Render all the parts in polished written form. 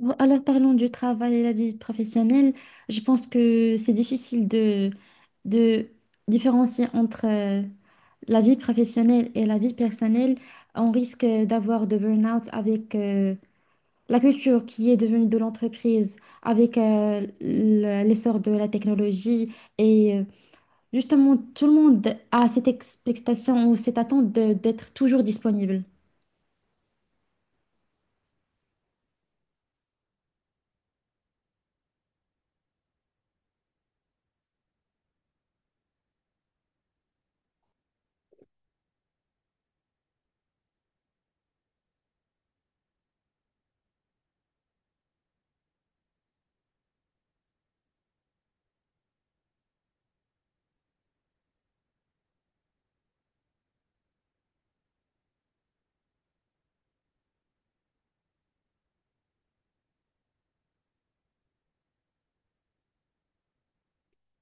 Bon, alors parlons du travail et la vie professionnelle. Je pense que c'est difficile de différencier entre la vie professionnelle et la vie personnelle. On risque d'avoir de burn-out avec la culture qui est devenue de l'entreprise, avec l'essor de la technologie. Et euh, Justement, tout le monde a cette expectation ou cette attente d'être toujours disponible.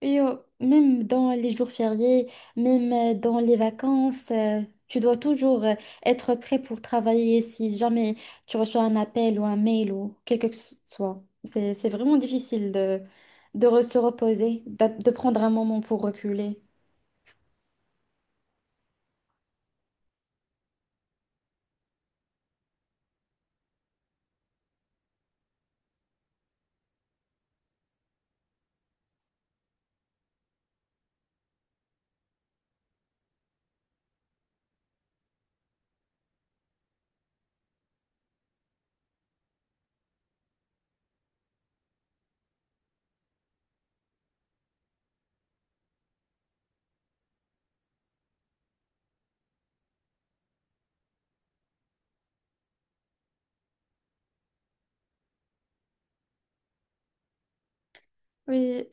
Et même dans les jours fériés, même dans les vacances, tu dois toujours être prêt pour travailler si jamais tu reçois un appel ou un mail ou quel que ce soit. C'est vraiment difficile de se reposer, de prendre un moment pour reculer. Oui,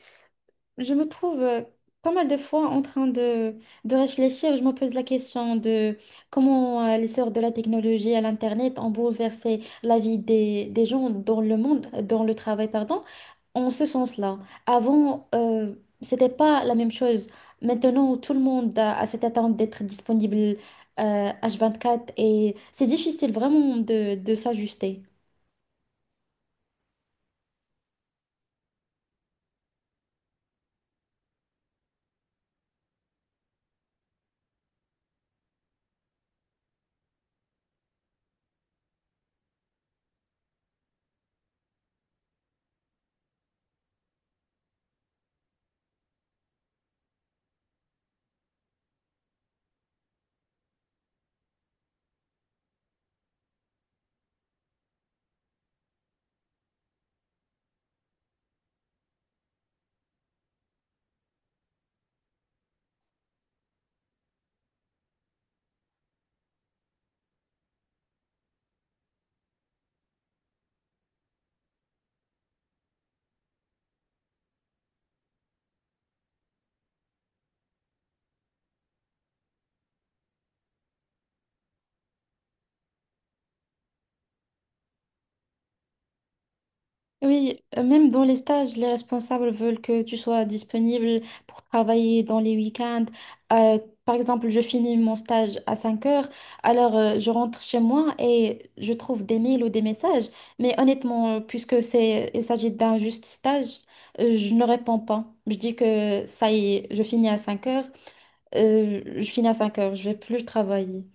je me trouve pas mal de fois en train de réfléchir. Je me pose la question de comment l'essor de la technologie à l'Internet ont bouleversé la vie des gens dans le monde, dans le travail, pardon, en ce sens-là. Avant, c'était pas la même chose. Maintenant, tout le monde a cette attente d'être disponible H24 et c'est difficile vraiment de s'ajuster. Oui, même dans les stages, les responsables veulent que tu sois disponible pour travailler dans les week-ends. Euh, Par exemple, je finis mon stage à 5 heures, alors je rentre chez moi et je trouve des mails ou des messages. Mais honnêtement, puisque il s'agit d'un juste stage, je ne réponds pas. Je dis que ça y est, je finis à 5 heures, je finis à 5 heures, je vais plus travailler.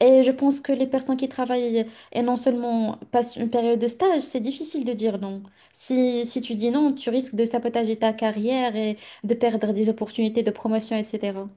Et je pense que les personnes qui travaillent et non seulement passent une période de stage, c'est difficile de dire non. Si tu dis non, tu risques de sabotager ta carrière et de perdre des opportunités de promotion, etc.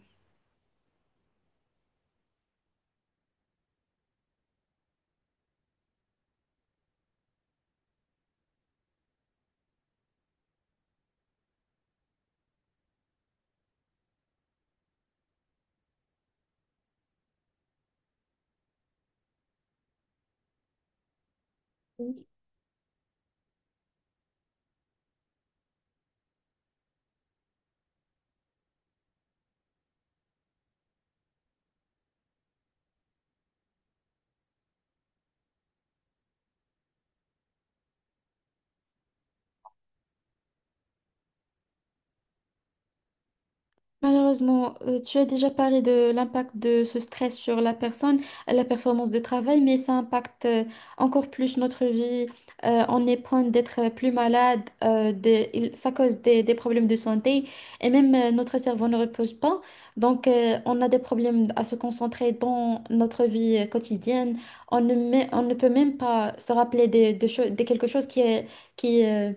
Malheureusement, tu as déjà parlé de l'impact de ce stress sur la personne, la performance de travail, mais ça impacte encore plus notre vie. On est prone d'être plus malade, ça cause des problèmes de santé et même notre cerveau ne repose pas. Donc, on a des problèmes à se concentrer dans notre vie quotidienne. On ne peut même pas se rappeler de quelque chose qui qui, euh,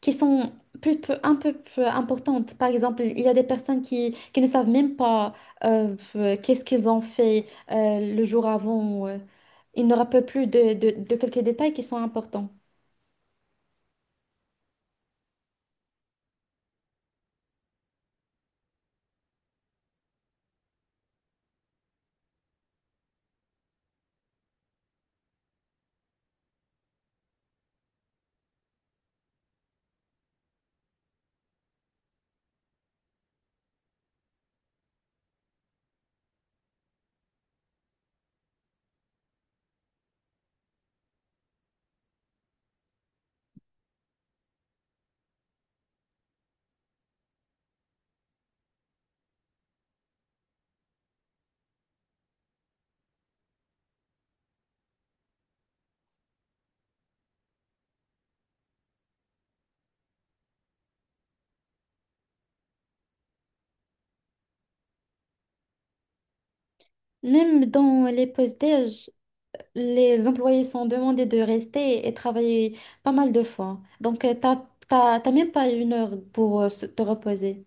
qui sont un peu plus importantes. Par exemple, il y a des personnes qui ne savent même pas qu'est-ce qu'ils ont fait le jour avant. Ils ne rappellent plus de quelques détails qui sont importants. Même dans les postes, déj les employés sont demandés de rester et travailler pas mal de fois. Donc, t'as même pas une heure pour te reposer.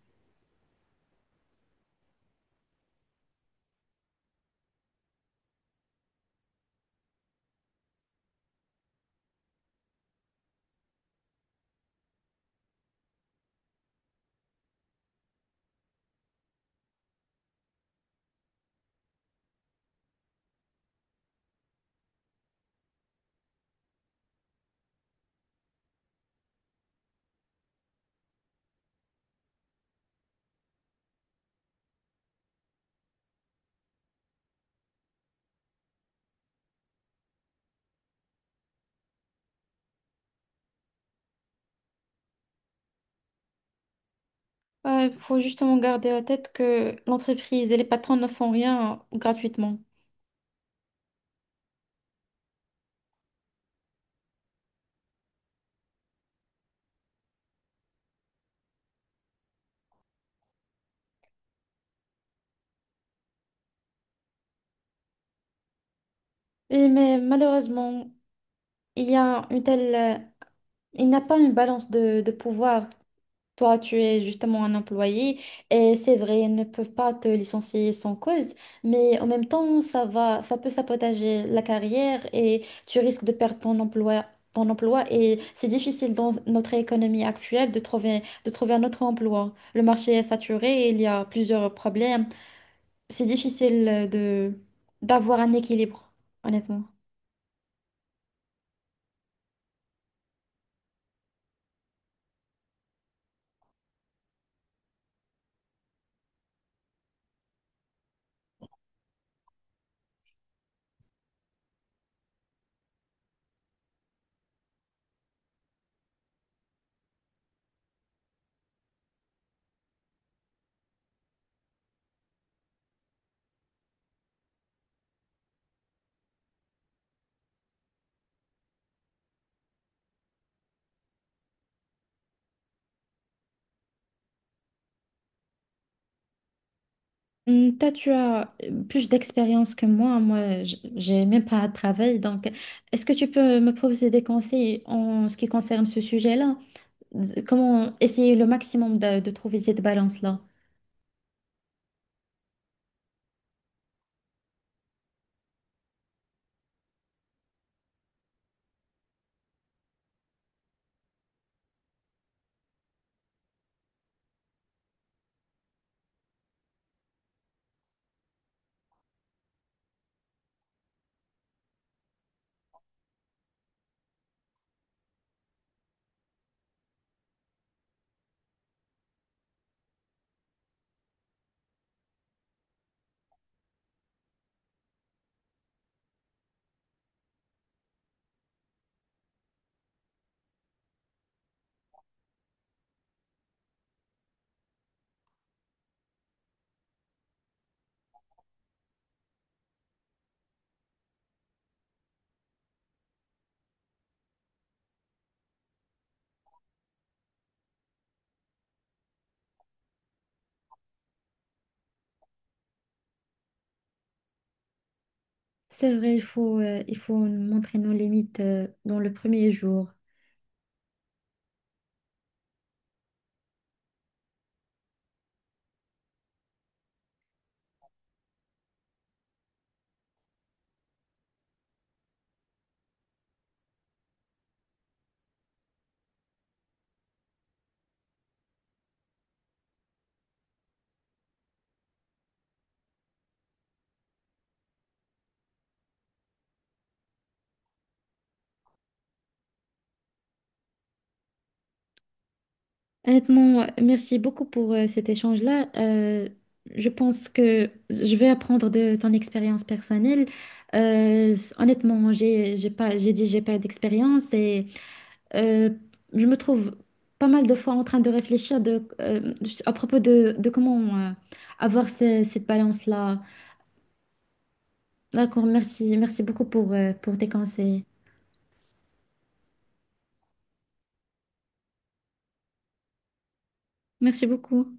Il faut justement garder à tête que l'entreprise et les patrons ne font rien gratuitement. Oui, mais malheureusement, il y a une il n'y a pas une balance de pouvoir. Toi, tu es justement un employé et c'est vrai, ils ne peuvent pas te licencier sans cause, mais en même temps, ça peut sabotager la carrière et tu risques de perdre ton emploi et c'est difficile dans notre économie actuelle de de trouver un autre emploi. Le marché est saturé, il y a plusieurs problèmes. C'est difficile d'avoir un équilibre, honnêtement. Hmm. Toi, tu as plus d'expérience que moi. Moi, j'ai même pas de travail. Donc, est-ce que tu peux me proposer des conseils en ce qui concerne ce sujet-là? Comment essayer le maximum de trouver cette balance-là? C'est vrai, il faut montrer nos limites, dans le premier jour. Honnêtement, merci beaucoup pour cet échange-là. Je pense que je vais apprendre de ton expérience personnelle. Honnêtement, j'ai dit j'ai pas d'expérience et euh, je me trouve pas mal de fois en train de réfléchir à propos de comment avoir cette balance-là. D'accord, merci beaucoup pour tes conseils. Merci beaucoup.